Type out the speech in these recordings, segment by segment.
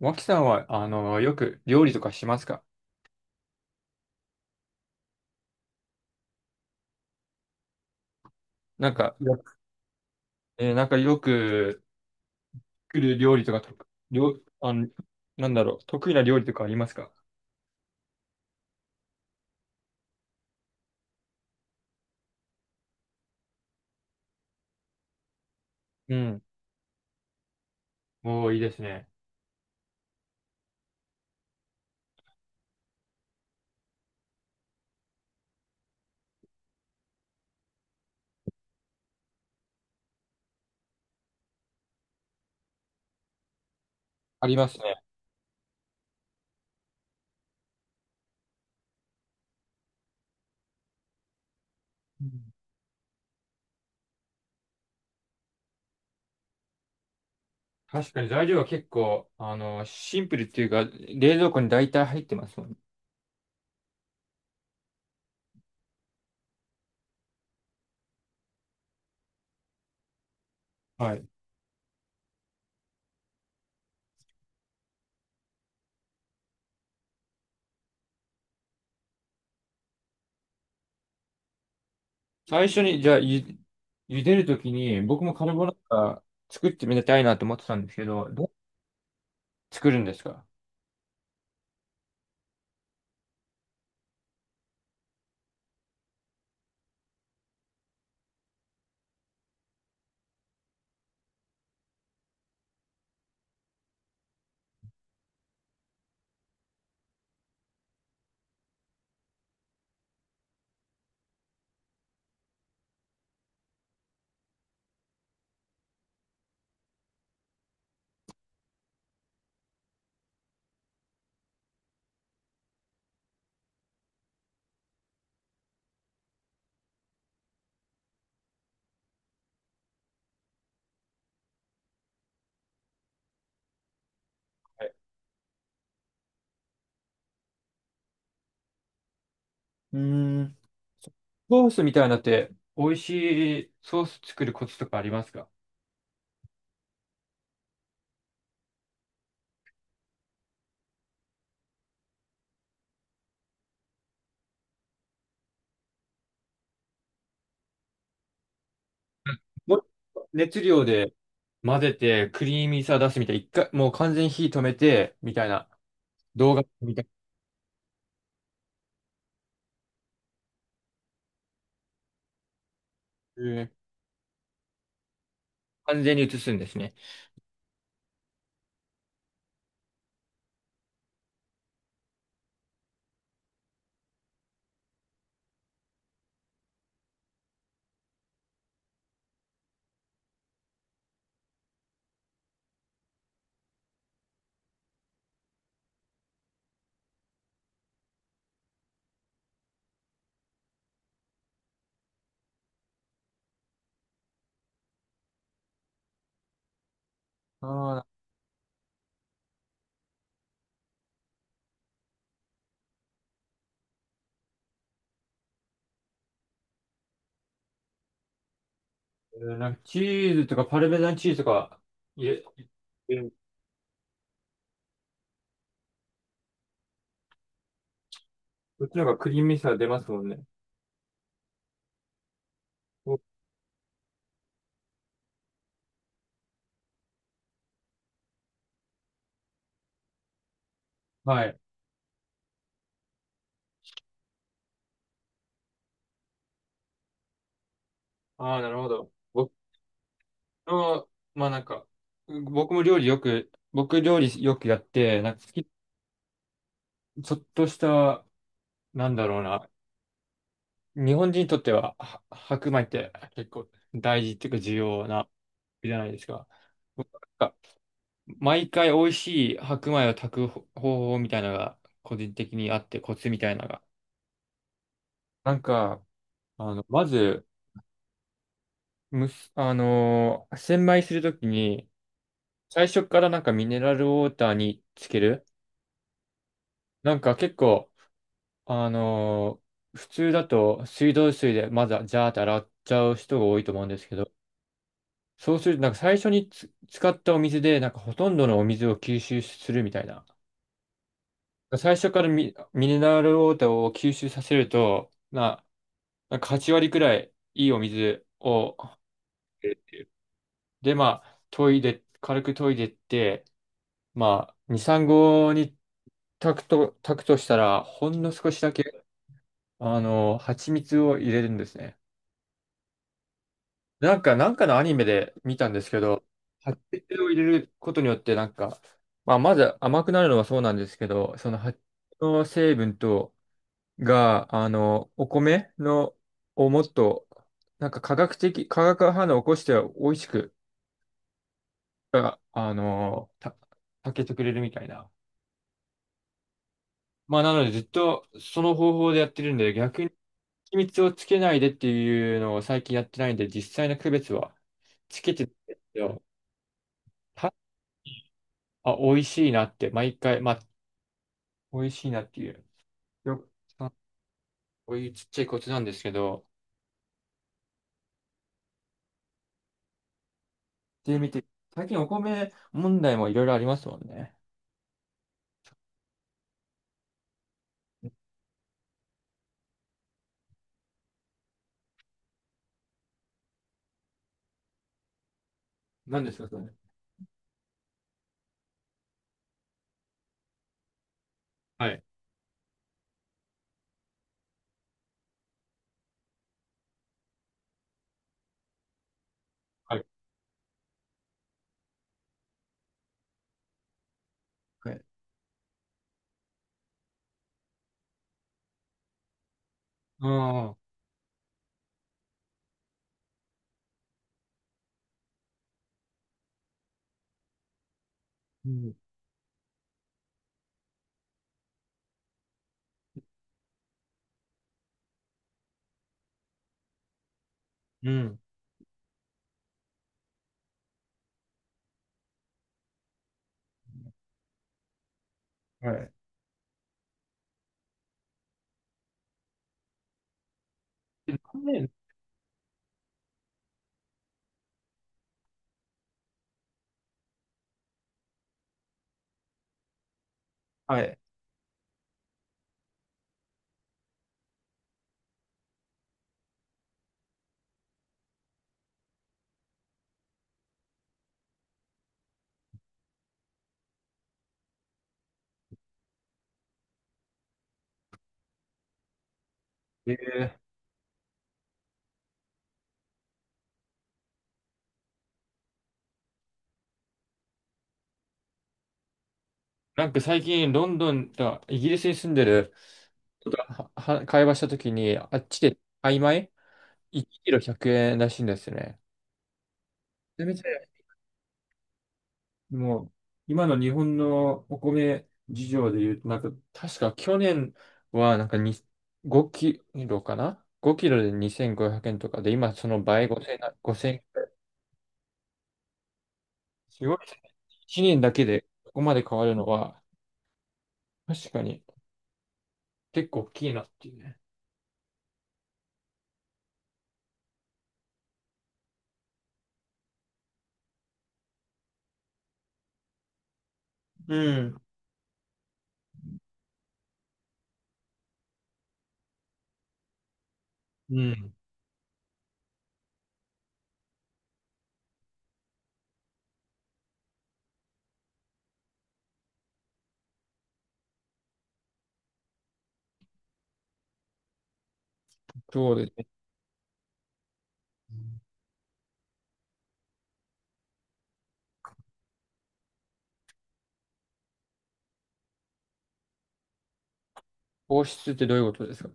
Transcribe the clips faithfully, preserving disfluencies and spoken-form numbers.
脇さんは、あの、よく料理とかしますか？なんか、よくえーなんかよく作る料理とかと、料、あの、なんだろう、得意な料理とかありますか？うん。もういいですね。ありますね。うん。確かに材料は結構、あの、シンプルっていうか、冷蔵庫に大体入ってますもんね。はい。最初に、じゃあ、ゆ、茹でるときに、僕もカルボナーラ作ってみたいなと思ってたんですけど、どう作るんですか？はい。うーん。ソースみたいなのって美味しいソース作るコツとかありますか？もう熱量で混ぜてクリーミーさ出すみたいな、一回、もう完全に火止めてみたいな動画みたいな、えー完全に映すんですね。ああ、なんかチーズとかパルメザンチーズとか入れ、入れる。こっちの方がクリーミーさ出ますもんね。お。はい。ああ、なるほど。僕の、まあなんか、僕も料理よく、僕料理よくやって、なんか好き、ちょっとした、なんだろうな。日本人にとっては、は白米って結構大事っていうか重要なじゃないですか。僕なんか毎回美味しい白米を炊く方法みたいなのが個人的にあってコツみたいなのが。なんか、あの、まず、むす、あのー洗米するときに最初からなんかミネラルウォーターにつける。なんか結構、あのー普通だと水道水でまずはジャーって洗っちゃう人が多いと思うんですけど、そうすると、なんか最初につ使ったお水で、なんかほとんどのお水を吸収するみたいな。最初からミ、ミネラルウォーターを吸収させると、な、なんかはち割くらいいいお水を、で、まあ、研いで、軽く研いでって、まあ、に、さん合に炊くと、炊くとしたら、ほんの少しだけ、あの、蜂蜜を入れるんですね。なんか、なんかのアニメで見たんですけど、発酵を入れることによって、なんか、まあ、まず甘くなるのはそうなんですけど、その発酵の成分と、が、あの、お米の、をもっと、なんか科学的、化学反応を起こして美味しく、あ、あの、た、炊けてくれるみたいな。まあ、なのでずっとその方法でやってるんで、逆に秘密をつけないでっていうのを最近やってないんで、実際の区別はつけてるんですよ。あ、美味しいなって、毎回、まあ、美味しいなっていう、よく、あこういうちっちゃいコツなんですけど、で、見て、最近お米問題もいろいろありますもんね。何ですか、それ？はい。はい。はい。ああ、うん。うん。はい。でなんで。はい。えーなんか最近、ロンドンとイギリスに住んでる、は、は会話したときに、あっちで、曖昧 ?いち キロひゃくえんらしいんですね。めちゃめちゃもう、今の日本のお米事情で言うと、なんか、確か去年は、なんかにごキロかな ?ご キロでにせんごひゃくえんとかで、今その倍ごせん円な。すごいですね。いちねんだけでここまで変わるのは、確かに結構大きいなっていうね。うん。うん。そうですね。放出ってどういうことですか？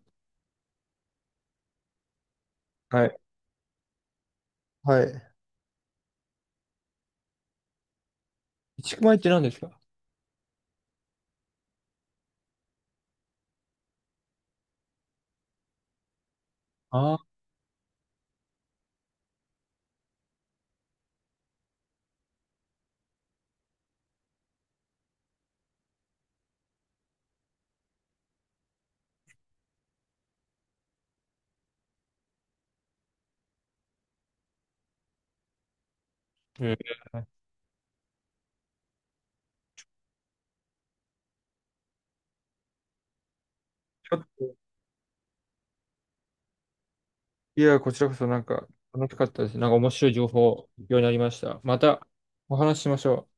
はい。はい。一区米って何ですか？ああー。うん。いや、こちらこそなんか楽しかったです。なんか面白い情報、ようになりました。またお話ししましょう。